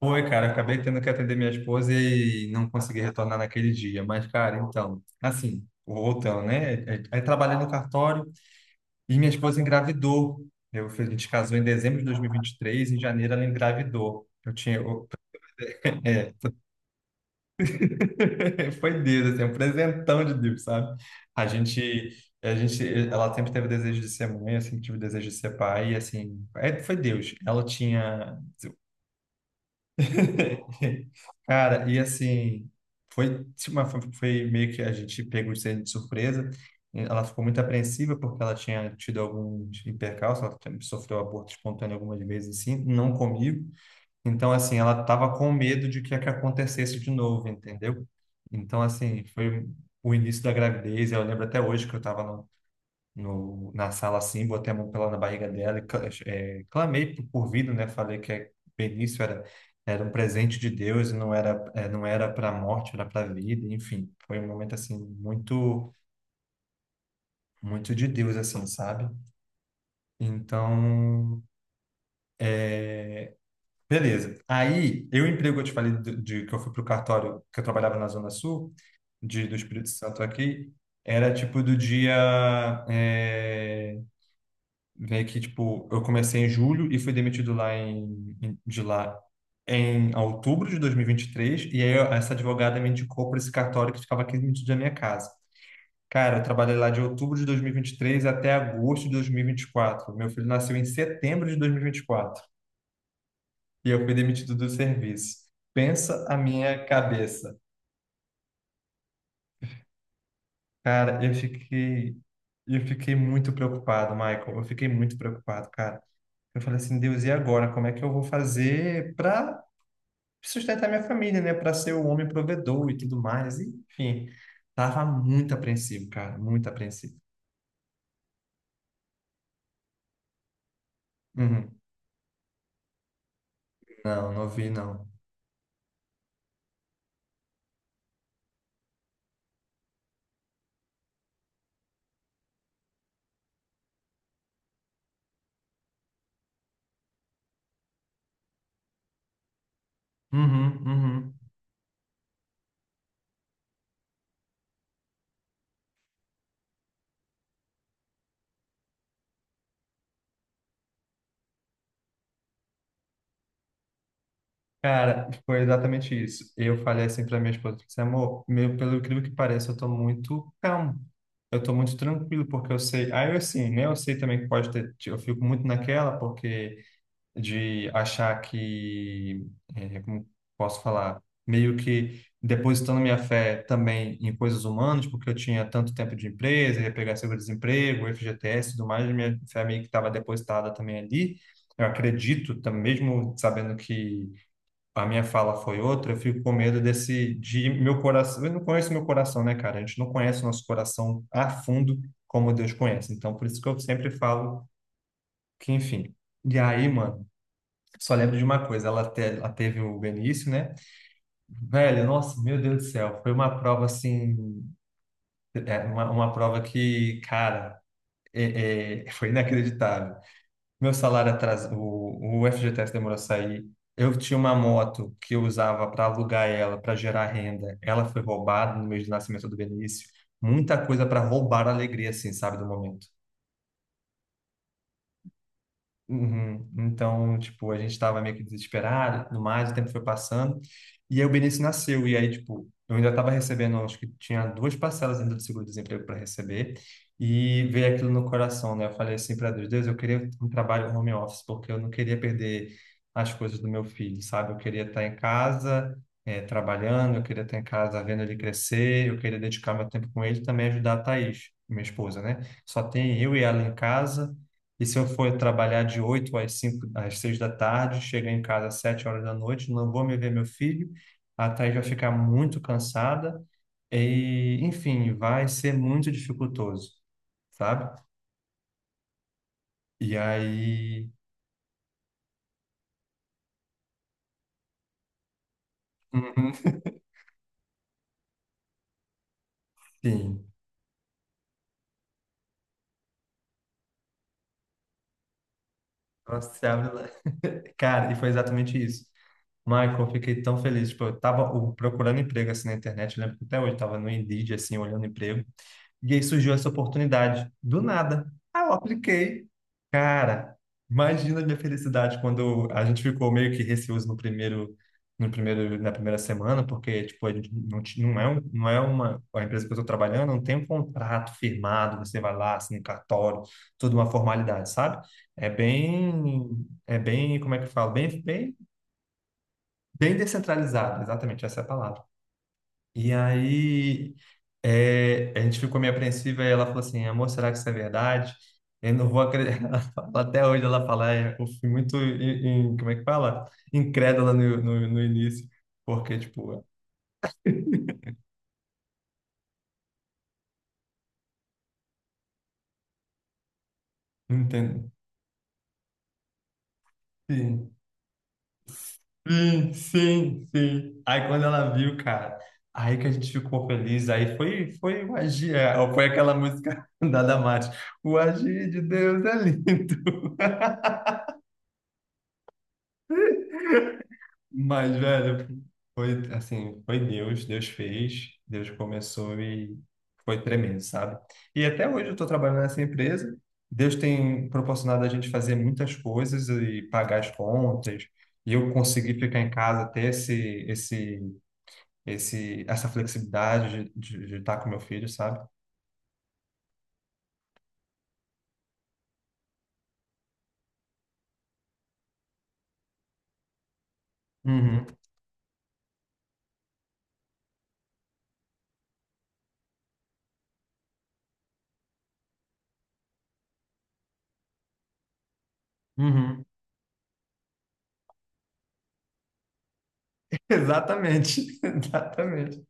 Foi, cara, eu acabei tendo que atender minha esposa e não consegui retornar naquele dia. Mas, cara, então, assim, voltando, né? Aí trabalhei no cartório e minha esposa engravidou. Eu, a gente casou em dezembro de dois mil e vinte e três. Em janeiro ela engravidou. Eu tinha, eu-. é, Foi Deus, assim, um presentão de Deus, sabe? A gente, a gente, ela sempre teve o desejo de ser mãe, eu sempre tive o desejo de ser pai, e assim, é, foi Deus. Ela tinha. Cara, e assim, foi, tipo, foi meio que a gente pegou de ser de surpresa. Ela ficou muito apreensiva porque ela tinha tido alguns percalços, ela tinha- sofreu aborto espontâneo algumas vezes, assim, não comigo. Então, assim, ela estava com medo de que acontecesse de novo, entendeu? Então, assim, foi o início da gravidez. Eu lembro até hoje que eu estava no, na sala assim, botei a mão pela na barriga dela e cla- clamei por vida, né? Falei que a Benício era um presente de Deus e não era para a morte, era para a vida, enfim. Foi um momento assim muito muito de Deus assim, sabe? Então, beleza. Aí, eu emprego, que eu te falei de, que eu fui pro cartório, que eu trabalhava na Zona Sul, de, do Espírito Santo aqui, era tipo do dia, é, meio que, tipo, eu comecei em julho e fui demitido lá em, de lá em outubro de 2023. E vinte e três. E aí eu- essa advogada me indicou para esse cartório que ficava 15 minutos da minha casa. Cara, eu trabalhei lá de outubro de 2023 até agosto de 2024. Meu filho nasceu em setembro de 2024 e vinte e quatro. E eu fui demitido do serviço. Pensa a minha cabeça. Cara, eu fiquei muito preocupado, Michael. Eu fiquei muito preocupado, cara. Eu falei assim, Deus, e agora? Como é que eu vou fazer para sustentar minha família, né? Para ser o homem provedor e tudo mais. Enfim, tava muito apreensivo, cara, muito apreensivo. Uhum. Não, não vi, não. Uhum, uhum. Cara, foi exatamente isso. Eu falei assim para minha esposa, disse, amor, meu, pelo incrível que pareça, eu tô muito calmo. Eu tô muito tranquilo, porque eu sei. Aí, eu, assim, né? Eu sei também que pode ter. Eu fico muito naquela, porque. De achar que, como posso falar, meio que depositando minha fé também em coisas humanas, porque eu tinha tanto tempo de empresa, ia pegar seguro-desemprego, FGTS e tudo mais, minha fé meio que estava depositada também ali. Eu acredito, mesmo sabendo que a minha fala foi outra, eu fico com medo desse, de meu coração. Eu não conheço meu coração, né, cara? A gente não conhece o nosso coração a fundo como Deus conhece. Então, por isso que eu sempre falo que, enfim. E aí, mano, só lembro de uma coisa, ela teve o Benício, né? Velho, nossa, meu Deus do céu, foi uma prova assim, uma prova que, cara, foi inacreditável. Meu salário atrasou, o FGTS demorou a sair. Eu tinha uma moto que eu usava para alugar ela, para gerar renda. Ela foi roubada no mês de nascimento do Benício. Muita coisa para roubar a alegria, assim, sabe, do momento. Uhum. Então, tipo, a gente estava meio que desesperado e tudo mais, o tempo foi passando. E aí o Benício nasceu, e aí, tipo, eu ainda estava recebendo, acho que tinha duas parcelas ainda do seguro-desemprego para receber, e veio aquilo no coração, né? Eu falei assim para Deus, Deus, eu queria um trabalho home office, porque eu não queria perder as coisas do meu filho, sabe? Eu queria estar em casa, trabalhando, eu queria estar em casa vendo ele crescer, eu queria dedicar meu tempo com ele e também ajudar a Thaís, minha esposa, né? Só tem eu e ela em casa. E se eu for trabalhar de 8 às 5, às 6 da tarde, chegar em casa às 7 horas da noite, não vou me ver meu filho, a Thaís vai ficar muito cansada e, enfim, vai ser muito dificultoso, sabe? E aí, uhum, sim, nossa, se abre lá. Cara, e foi exatamente isso. Michael, eu fiquei tão feliz, tipo, eu tava procurando emprego assim na internet, eu lembro que até hoje eu tava no Indeed assim, olhando emprego. E aí surgiu essa oportunidade, do nada. Aí eu apliquei. Cara, imagina a minha felicidade quando eu- a gente ficou meio que receoso no primeiro, no primeiro, na primeira semana, porque, tipo, a gente não, não é, não é uma, a empresa que eu estou trabalhando não tem um contrato firmado, você vai lá, assina um cartório, toda uma formalidade, sabe? É bem, como é que eu falo? Bem descentralizado, exatamente, essa é a palavra. E aí, a gente ficou meio apreensiva e ela falou assim, amor, será que isso é verdade? Eu não vou acreditar. Ela fala- Até hoje ela fala, "É, eu fui muito, como é que fala? Incrédula no início, porque, tipo, não entendo. Sim, sim, sim, sim. Aí quando ela viu, cara, aí que a gente ficou feliz, aí foi, foi o agir, foi aquela música da Damares, o agir de Deus é lindo. Mas, velho, foi assim, foi Deus, Deus fez, Deus começou e foi tremendo, sabe? E até hoje eu estou trabalhando nessa empresa. Deus tem proporcionado a gente fazer muitas coisas e pagar as contas. E eu consegui ficar em casa, ter esse, essa flexibilidade de estar com meu filho, sabe? Uhum, uhum. Exatamente, exatamente.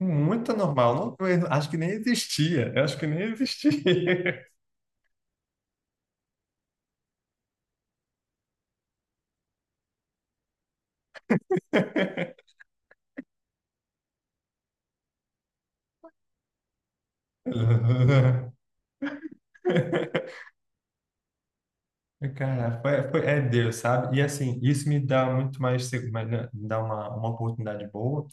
Muito normal. Não, eu acho que nem existia. Eu acho que nem existia. Aham. Cara, foi, foi- é Deus, sabe? E assim, isso me dá muito mais, seg- mas, né, me dá uma oportunidade boa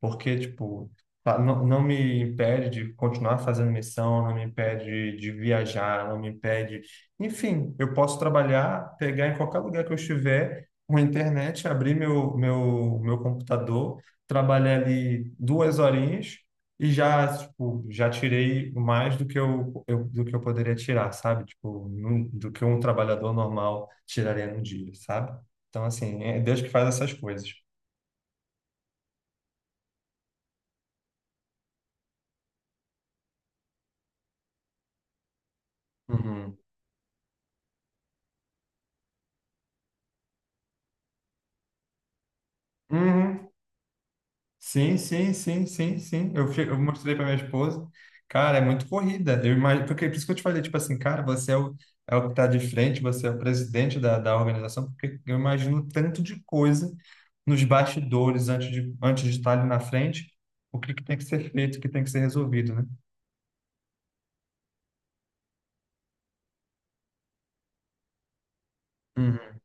porque, tipo, tá- não, não me impede de continuar fazendo missão, não me impede de viajar, não me impede. Enfim, eu posso trabalhar, pegar em qualquer lugar que eu estiver, com a internet, abrir meu computador, trabalhar ali 2 horinhas e já, tipo, já tirei mais do que eu poderia tirar, sabe? Tipo, num- do que um trabalhador normal tiraria num dia, sabe? Então, assim, é Deus que faz essas coisas. Uhum. Uhum. Sim, sim, sim, sim, sim. Eu, eu mostrei para minha esposa. Cara, é muito corrida. Eu imagino, porque é por isso que eu te falei, tipo assim, cara, você é o, é o que tá de frente, você é o presidente da, da organização, porque eu imagino o tanto de coisa nos bastidores antes de estar ali na frente, o que que tem que ser feito, o que tem que ser resolvido, né? Uhum,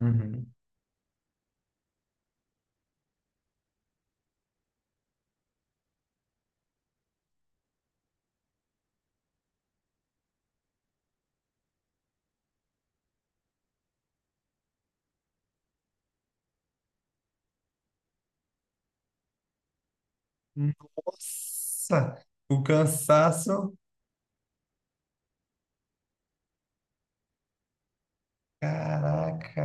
uhum. Nossa, o cansaço, caraca.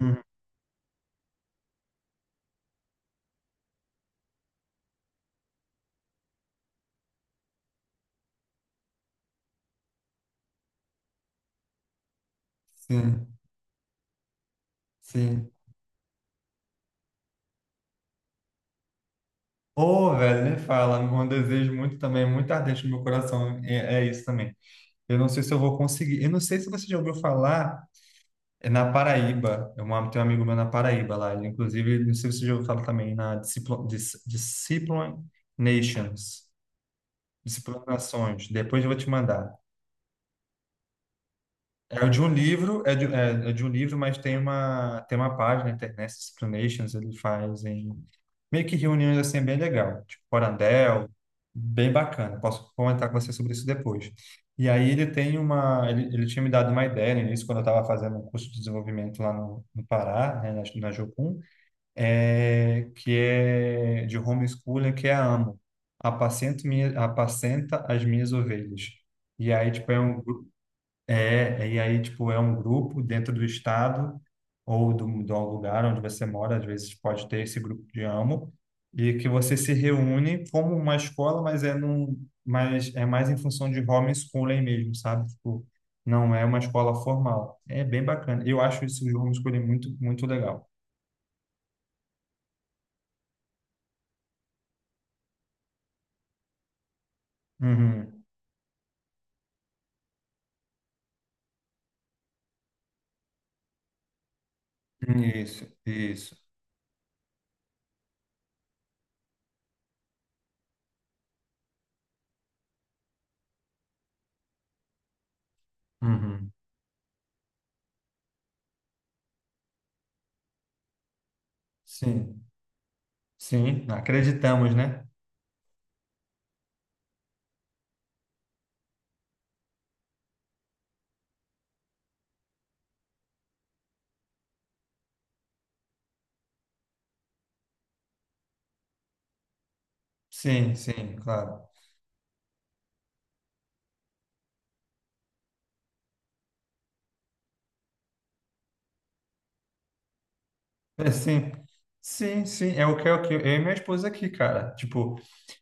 Uhum, sim, sim. Ô, velho, nem fala. Um desejo muito também, muito ardente no meu coração. É, é isso também. Eu não sei se eu vou conseguir. Eu não sei se você já ouviu falar é na Paraíba. Eu amo- tenho um amigo meu na Paraíba lá. Ele, inclusive, não sei se você já ouviu falar também na Disciplo, Dis, Discipline Nations. Disciplinações. Depois eu vou te mandar. É o de um livro, é de, é, é de um livro, mas tem uma página, Internet Explanations, ele faz em meio que reuniões assim bem legal, tipo Corandel, bem bacana. Posso comentar com você sobre isso depois. E aí ele tem uma, ele tinha me dado uma ideia no início, quando eu estava fazendo um curso de desenvolvimento lá no, no Pará, né, na, na Jocum, é, que é de homeschooling, que é a AMO, apacento minha, apacenta as minhas ovelhas. E aí, tipo, é um é, e aí, tipo, é um grupo dentro do estado ou do, do lugar onde você mora, às vezes pode ter esse grupo de amo, e que você se reúne como uma escola, mas é num, mas é mais em função de homeschooling mesmo, sabe? Tipo, não é uma escola formal. É bem bacana. Eu acho isso de homeschooling muito, muito legal. Uhum. Isso, isso. Uhum. Sim, sim, acreditamos, né? Sim, sim, claro. É, sim, sim, sim, é o que eu e minha esposa aqui, cara. Tipo,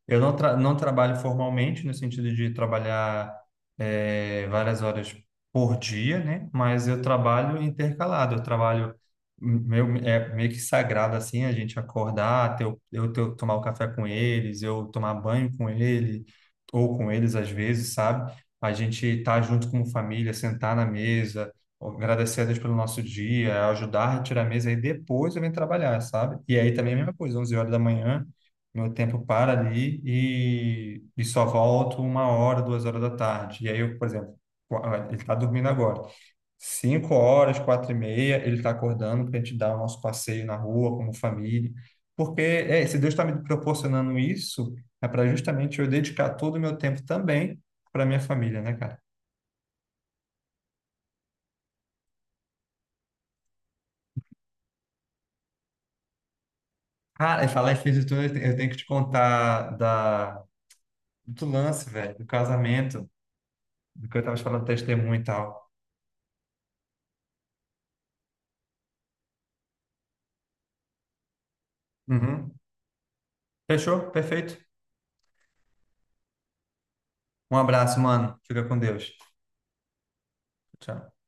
eu não trabalho formalmente, no sentido de trabalhar várias horas por dia, né? Mas eu trabalho intercalado, eu trabalho meu, é meio que sagrado, assim, a gente acordar, ter, eu ter, tomar o café com eles, eu tomar banho com ele, ou com eles às vezes, sabe? A gente tá junto como família, sentar na mesa agradecer a Deus pelo nosso dia, ajudar a tirar a mesa e depois eu venho trabalhar, sabe? E aí também é a mesma coisa, 11 horas da manhã, meu tempo para ali e só volto 1 hora, 2 horas da tarde. E aí eu, por exemplo, qua- ele está dormindo agora. 5 horas, quatro e meia, ele está acordando para a gente dar o nosso passeio na rua como família. Porque é, se Deus está me proporcionando isso, é para justamente eu dedicar todo o meu tempo também para minha família, né, cara? Cara, e falar em fim de tudo, eu te- eu tenho que te contar da, do lance, velho, do casamento, do que eu tava te falando, testemunho e tal. Uhum. Fechou? Perfeito. Um abraço, mano. Fica com Deus. Tchau.